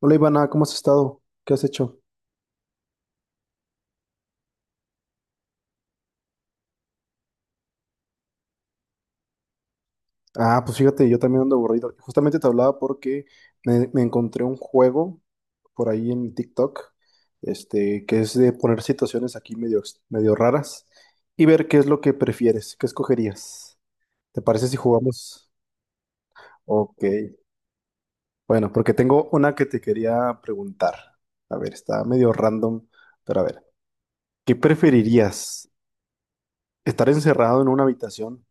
Hola Ivana, ¿cómo has estado? ¿Qué has hecho? Ah, pues fíjate, yo también ando aburrido. Justamente te hablaba porque me encontré un juego por ahí en TikTok, que es de poner situaciones aquí medio, medio raras y ver qué es lo que prefieres, qué escogerías. ¿Te parece si jugamos? Ok. Bueno, porque tengo una que te quería preguntar. A ver, está medio random, pero a ver, ¿qué preferirías? ¿Estar encerrado en una habitación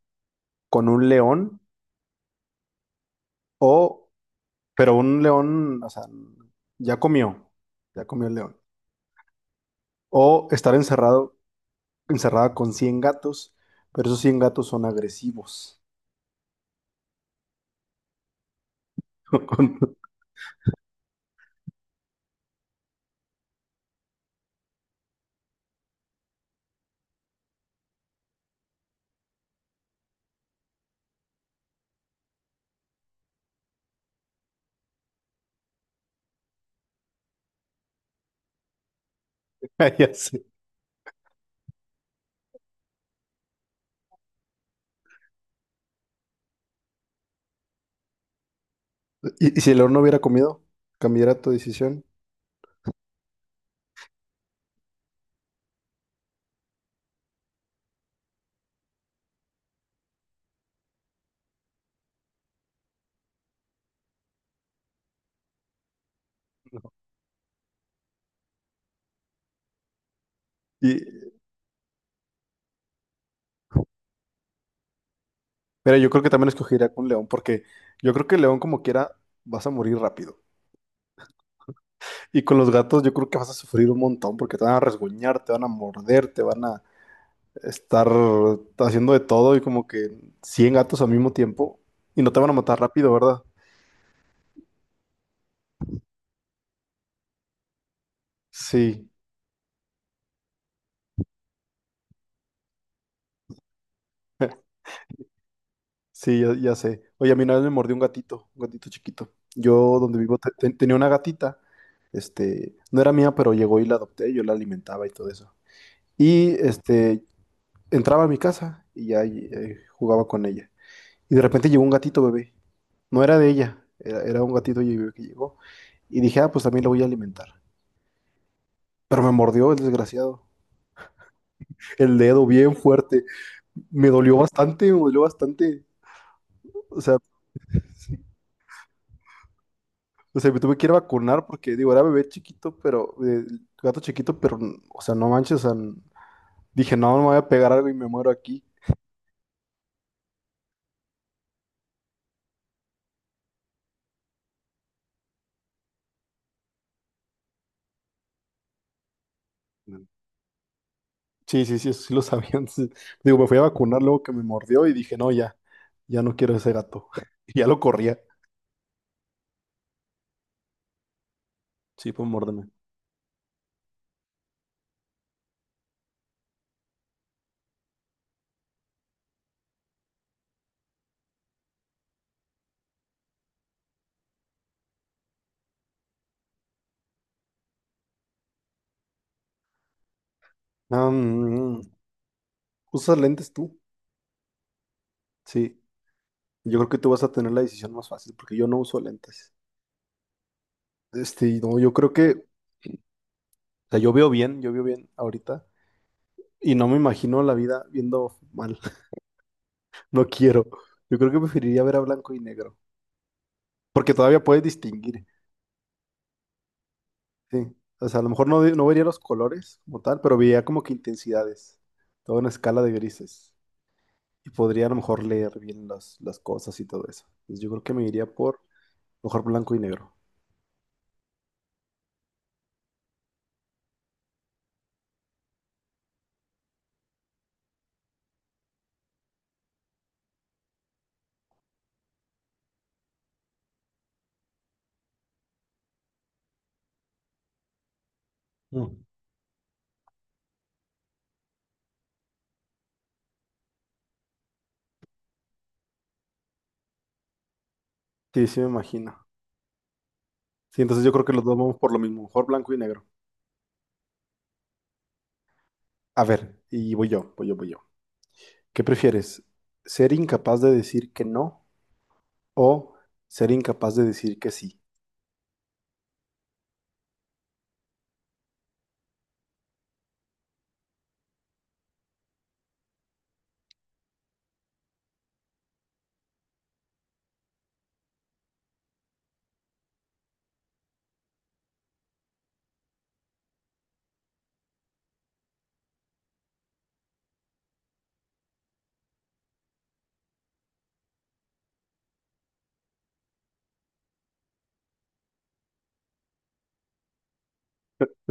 con un león? O pero un león, o sea, ya comió, ya comió el león. O estar encerrado, encerrada con 100 gatos, pero esos 100 gatos son agresivos. Con- ya sé. Y si el león no hubiera comido, cambiara tu decisión. Y, pero yo creo que también escogería con león, porque yo creo que el león como quiera vas a morir rápido. Y con los gatos yo creo que vas a sufrir un montón, porque te van a resguñar, te van a morder, te van a, estar haciendo de todo y como que 100 gatos al mismo tiempo y no te van a matar rápido, ¿verdad? Sí, sí, ya, ya sé. Oye, a mí una vez me mordió un gatito chiquito. Yo donde vivo tenía una gatita, no era mía, pero llegó y la adopté, yo la alimentaba y todo eso. Y entraba a mi casa y ya jugaba con ella. Y de repente llegó un gatito bebé. No era de ella, era un gatito bebé que llegó. Y dije, ah, pues también lo voy a alimentar. Pero me mordió el desgraciado. El dedo bien fuerte. Me dolió bastante, me dolió bastante. O sea, o sea, me tuve que ir a vacunar porque, digo, era bebé chiquito, pero, gato chiquito, pero, o sea, no manches, o sea, dije, no, no me voy a pegar algo y me muero aquí. Sí, sí, sí, eso sí lo sabía. Entonces, digo, me fui a vacunar luego que me mordió y dije, no, ya, ya no quiero ese gato. Y ya lo corría. Sí, pues mórdeme. Ah, ¿usas lentes tú? Sí, yo creo que tú vas a tener la decisión más fácil porque yo no uso lentes. No, yo creo que o sea, yo veo bien ahorita. Y no me imagino la vida viendo mal. No quiero. Yo creo que preferiría ver a blanco y negro. Porque todavía puedes distinguir. Sí. O sea, a lo mejor no, no vería los colores como tal, pero vería como que intensidades. Toda una escala de grises. Y podría a lo mejor leer bien las cosas y todo eso. Entonces yo creo que me iría por mejor blanco y negro. Mm. Sí, sí me imagino. Sí, entonces yo creo que los dos vamos por lo mismo. Mejor blanco y negro. A ver, y voy yo, voy yo, voy yo. ¿Qué prefieres? ¿Ser incapaz de decir que no o ser incapaz de decir que sí?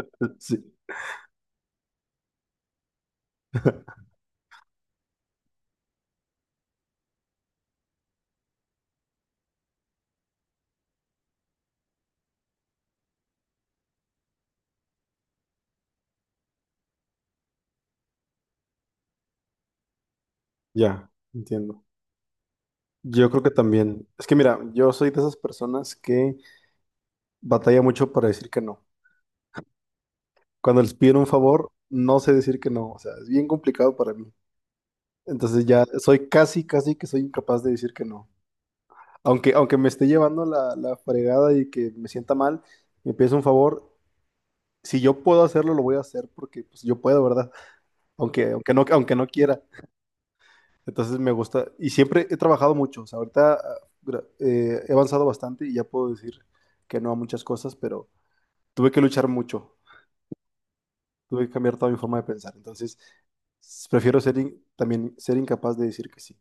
Sí, ya, entiendo. Yo creo que también. Es que mira, yo soy de esas personas que batalla mucho para decir que no. Cuando les piden un favor, no sé decir que no. O sea, es bien complicado para mí. Entonces ya soy casi, casi que soy incapaz de decir que no. Aunque, aunque me esté llevando la, la fregada y que me sienta mal, me pides un favor. Si yo puedo hacerlo, lo voy a hacer porque pues, yo puedo, ¿verdad? Aunque, aunque no quiera. Entonces me gusta, y siempre he trabajado mucho, o sea, ahorita he avanzado bastante y ya puedo decir que no a muchas cosas, pero tuve que luchar mucho, tuve que cambiar toda mi forma de pensar, entonces prefiero ser también ser incapaz de decir que sí.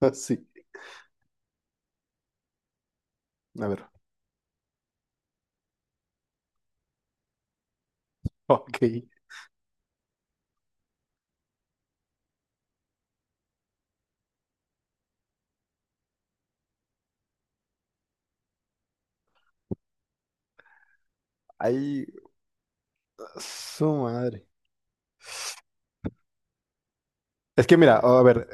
Sí, a ver, ok, ahí, su madre. Es que mira, a ver,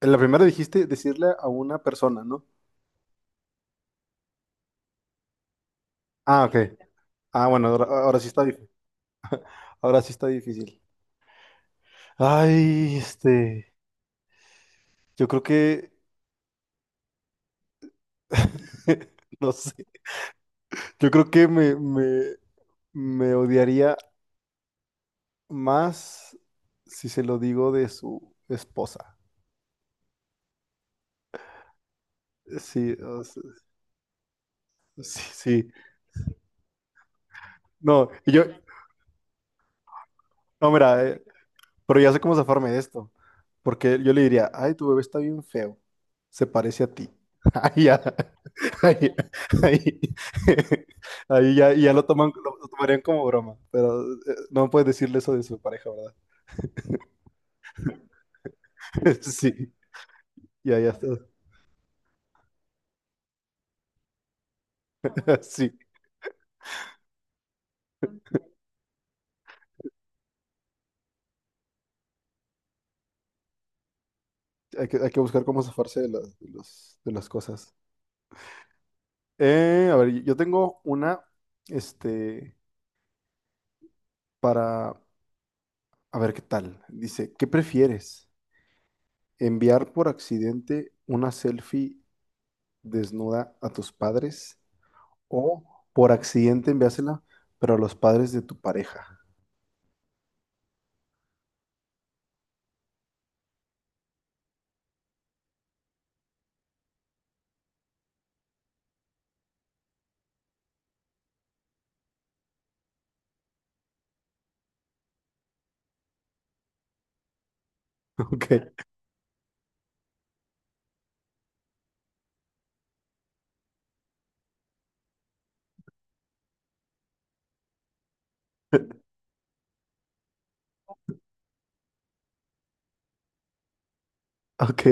en la primera dijiste decirle a una persona, ¿no? Ah, ok. Ah, bueno, ahora, ahora sí está difícil. Ahora sí está difícil. Ay, yo creo que no sé. Yo creo que me odiaría más si se lo digo de su esposa. Sí, o sea, sí, sí. No, y yo, no, mira, pero ya sé cómo zafarme de esto. Porque yo le diría, ay, tu bebé está bien feo. Se parece a ti. Ahí ya, ahí, ahí, ahí ya, ya lo toman, lo tomarían como broma. Pero no puedes decirle eso de su pareja, ¿verdad? Sí, ya, ya está. Sí. Hay que buscar cómo zafarse de las, de las cosas. A ver, yo tengo una, este, para, a ver qué tal. Dice, ¿qué prefieres? ¿Enviar por accidente una selfie desnuda a tus padres? ¿O por accidente enviársela, pero a los padres de tu pareja? Ok, ok.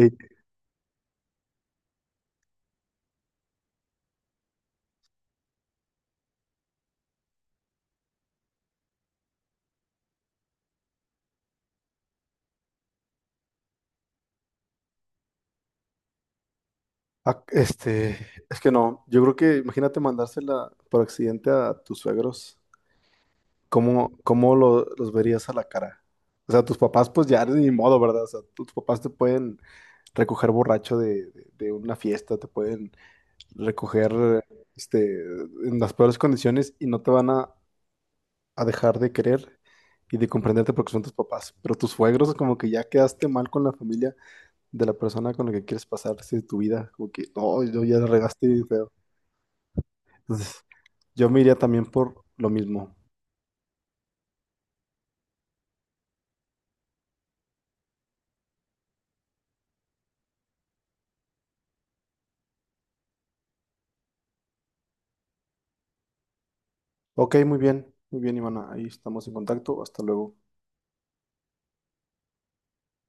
Ah, es que no, yo creo que imagínate mandársela por accidente a tus suegros. ¿Cómo, cómo los verías a la cara? O sea, tus papás, pues ya ni modo, ¿verdad? O sea, tus papás te pueden recoger borracho de una fiesta, te pueden recoger este, en las peores condiciones y no te van a dejar de querer y de comprenderte porque son tus papás. Pero tus suegros, como que ya quedaste mal con la familia de la persona con la que quieres pasarse tu vida, como que no, yo ya la regaste bien feo. Entonces, yo me iría también por lo mismo. Ok, muy bien, Ivana, ahí estamos en contacto, hasta luego.